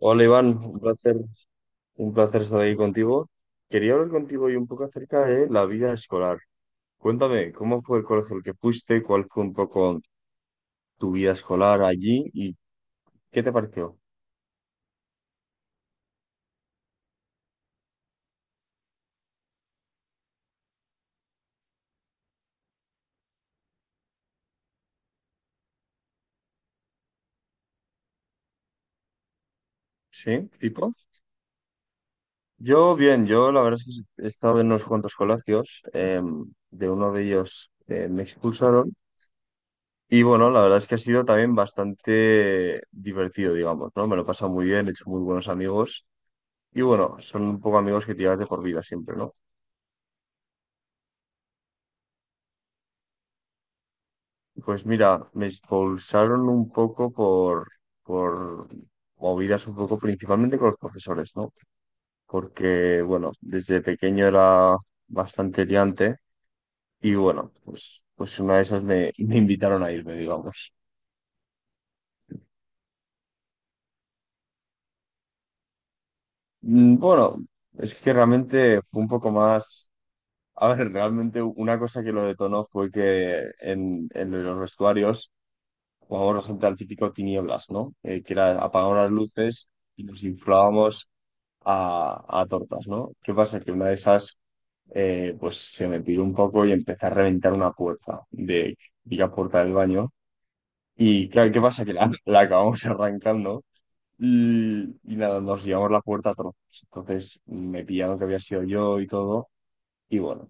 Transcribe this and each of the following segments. Hola Iván, un placer estar aquí contigo. Quería hablar contigo hoy un poco acerca de la vida escolar. Cuéntame, ¿cómo fue el colegio al que fuiste? ¿Cuál fue un poco tu vida escolar allí? ¿Y qué te pareció? ¿Sí? ¿Tipo? Yo bien, yo la verdad es que he estado en unos cuantos colegios. De uno de ellos me expulsaron. Y bueno, la verdad es que ha sido también bastante divertido, digamos, ¿no? Me lo he pasado muy bien, he hecho muy buenos amigos. Y bueno, son un poco amigos que te llevas de por vida siempre, ¿no? Pues mira, me expulsaron un poco por, movidas un poco principalmente con los profesores, ¿no? Porque, bueno, desde pequeño era bastante liante y bueno, pues una de esas me, me invitaron a irme, digamos. Mm. Bueno, es que realmente fue un poco más. A ver, realmente una cosa que lo detonó fue que en, los vestuarios jugábamos bastante al típico tinieblas, ¿no? Que era apagar las luces y nos inflábamos a tortas, ¿no? ¿Qué pasa? Que una de esas, pues se me piró un poco y empecé a reventar una puerta de la puerta del baño. Y claro, ¿qué pasa? Que la, la acabamos arrancando y nada, nos llevamos la puerta a trozos. Entonces me pillaron que había sido yo y todo. Y bueno,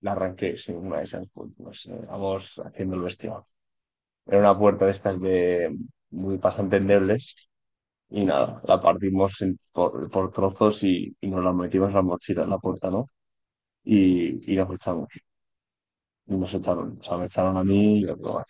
la arranqué, sí, una de esas, pues, no sé, vamos haciendo el vestido. Era una puerta de estas de muy bastante endebles. Y nada, la partimos por trozos y nos la metimos en la mochila, en la puerta, ¿no? y los echaron, y nos echaron, o sea, me echaron a mí y a otro.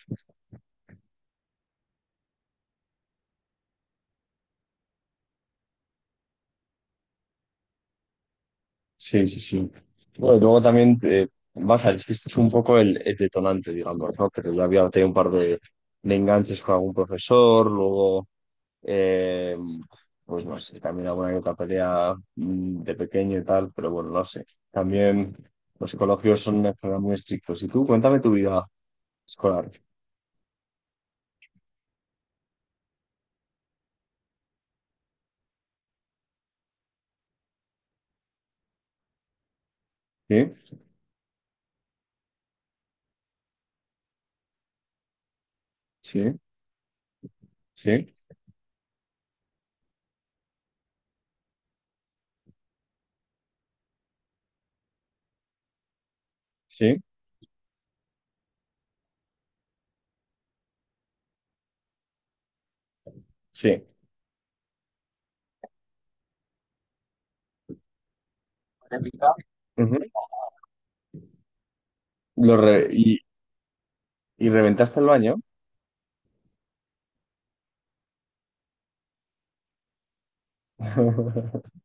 Sí, sí, sí. Bueno, luego también, baja, es que este es un poco el, detonante, digamos, ¿no? Pero yo había tenido un par de enganches con algún profesor, luego, eh, pues no sé, también alguna que otra pelea de pequeño y tal, pero bueno, no sé. También los psicólogos son una carrera muy estrictos. Y tú, cuéntame tu vida escolar. ¿Sí? ¿Sí? ¿Sí? ¿Sí? ¿Sí? Repita. Ujú. Lo re- y, Y reventaste el baño.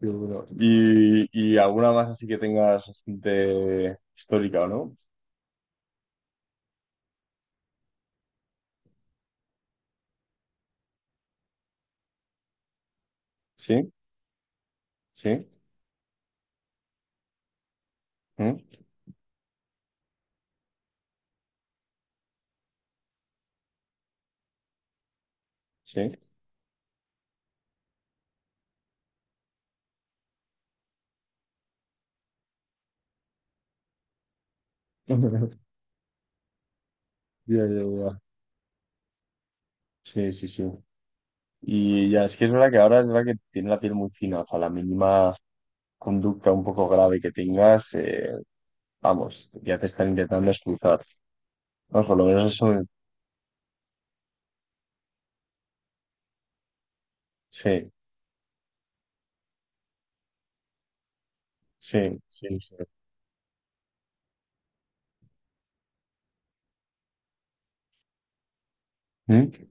Qué bueno. Y alguna más así que tengas de histórica, ¿o no? Sí, sí, ¿mm? Sí. Ya, ya, ya. Sí, sí, sí. Y ya, es que es verdad que ahora es verdad que tiene la piel muy fina. O sea, la mínima conducta un poco grave que tengas, vamos, ya te están intentando expulsar. Vamos, por lo menos eso. Sí, sí, sí, sí. ¿Mm?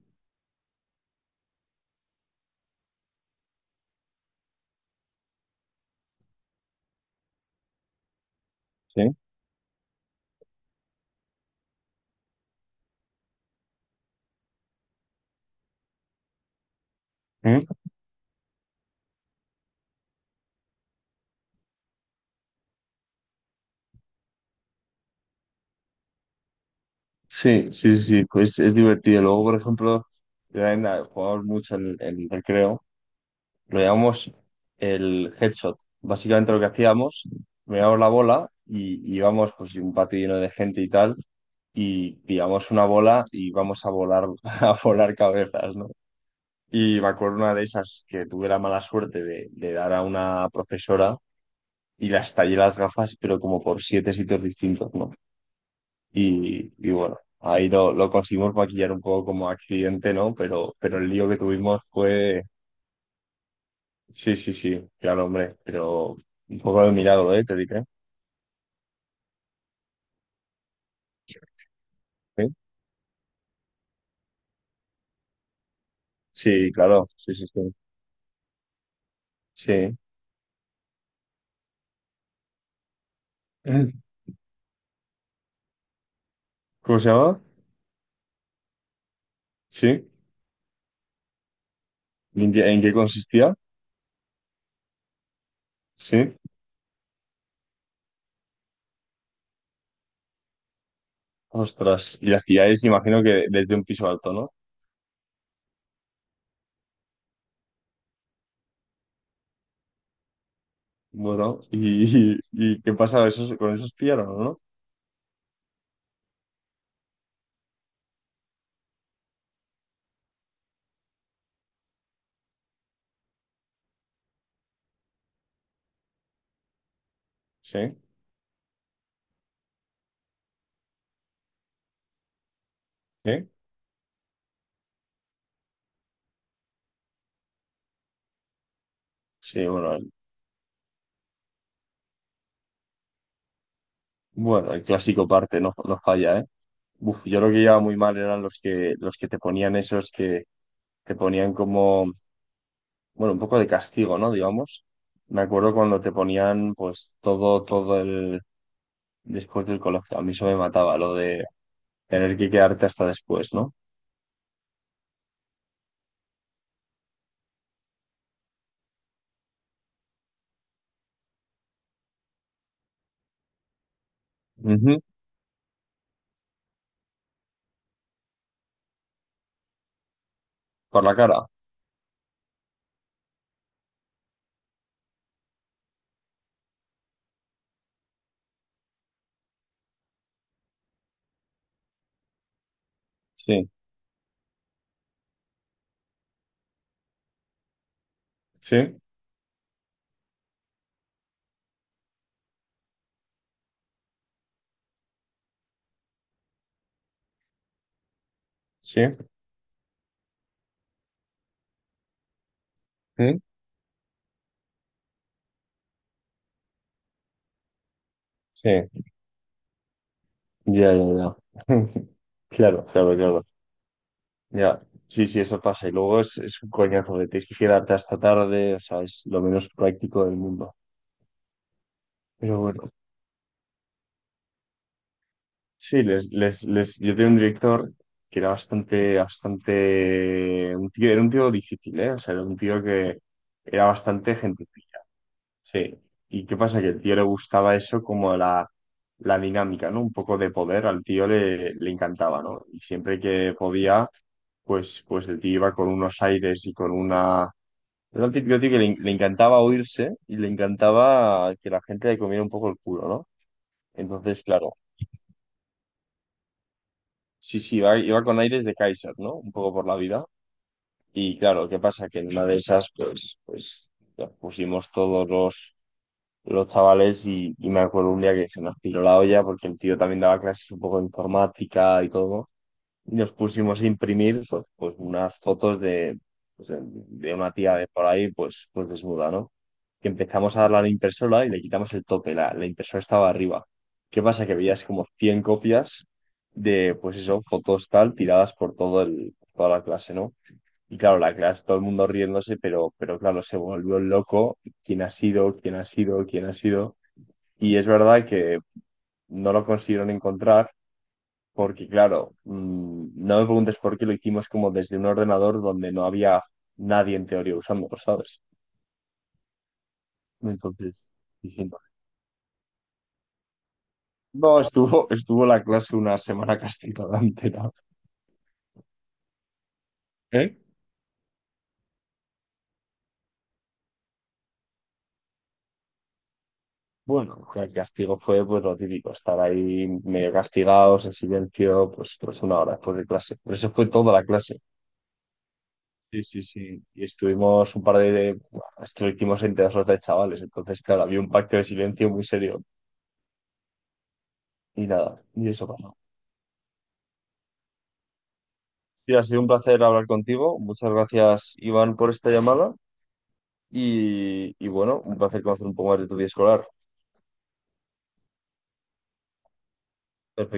¿Sí? ¿Mm? Sí, sí, sí, sí, pues es divertido. Luego, por ejemplo, también jugamos mucho en, el recreo, lo llamamos el headshot. Básicamente lo que hacíamos, mirábamos la bola y íbamos pues un patio lleno de gente y tal, y pillamos una bola y vamos a volar, a volar cabezas, ¿no? Y me acuerdo una de esas que tuve la mala suerte de, dar a una profesora y las tallé las gafas, pero como por siete sitios distintos, ¿no? Y bueno, ahí lo, conseguimos maquillar un poco como accidente, ¿no? pero el lío que tuvimos fue, sí, sí, sí, claro, hombre, pero un poco de milagro, ¿eh? Te diré. Sí. Sí, claro, sí, sí, sí. Sí. ¿Cómo se llama? Sí. En qué consistía? Sí. Ostras, y las pilláis, imagino que desde un piso alto, ¿no? Bueno, y qué pasa? ¿Esos, con esos pillaron, no? Sí, sí. Sí, bueno, el clásico parte no, no falla, ¿eh? Uf, yo lo que llevaba muy mal eran los que te ponían esos que te ponían como, bueno, un poco de castigo, ¿no? Digamos. Me acuerdo cuando te ponían, pues, todo, todo el, después del colegio. A mí eso me mataba, lo de tener que quedarte hasta después, ¿no? Ujú. Por la cara. Sí, sí, sí, sí, sí. Ya, ya, ya. Claro, claro, claro. Ya. Sí, sí, eso pasa. Y luego es un coñazo de tienes que quedarte hasta tarde, o sea, es lo menos práctico del mundo. Pero bueno. Sí, yo tenía un director que era bastante, bastante, un tío, era un tío difícil, ¿eh? O sea, era un tío que era bastante gente. Sí. ¿Y qué pasa? Que el tío le gustaba eso como la, dinámica, ¿no? Un poco de poder, al tío le, encantaba, ¿no? Y siempre que podía, pues el tío iba con unos aires y con una. Era un típico tío que le encantaba oírse y le encantaba que la gente le comiera un poco el culo, ¿no? Entonces, claro. Sí, sí, iba con aires de Kaiser, ¿no? Un poco por la vida. Y claro, ¿qué pasa? Que en una de esas, pues, nos pusimos todos los chavales y me acuerdo un día que se nos piró la olla porque el tío también daba clases un poco de informática y todo y nos pusimos a imprimir pues, pues, unas fotos de, pues, de una tía de por ahí, pues desnuda, ¿no? Que empezamos a darle a la impresora y le quitamos el tope, la impresora estaba arriba. ¿Qué pasa? Que veías como 100 copias de, pues eso, fotos tal, tiradas por todo el, toda la clase, ¿no? Y claro, la clase, todo el mundo riéndose, pero claro, se volvió loco. ¿Quién ha sido? ¿Quién ha sido? ¿Quién ha sido? Y es verdad que no lo consiguieron encontrar porque claro, no me preguntes por qué lo hicimos como desde un ordenador donde no había nadie en teoría usándolo, ¿sabes? Entonces, diciendo, no, estuvo la clase una semana castigada entera. ¿Eh? Bueno, el castigo fue pues lo típico, estar ahí medio castigados, en silencio, pues, una hora después de clase. Pero eso fue toda la clase. Sí, sí, sí. Y estuvimos un par de. Bueno, esto lo hicimos entre dos horas de chavales. Entonces, claro, había un pacto de silencio muy serio. Y nada, y eso pasó. Sí, ha sido un placer hablar contigo. Muchas gracias, Iván, por esta llamada. Y bueno, un placer conocer un poco más de tu vida escolar. Perfecto.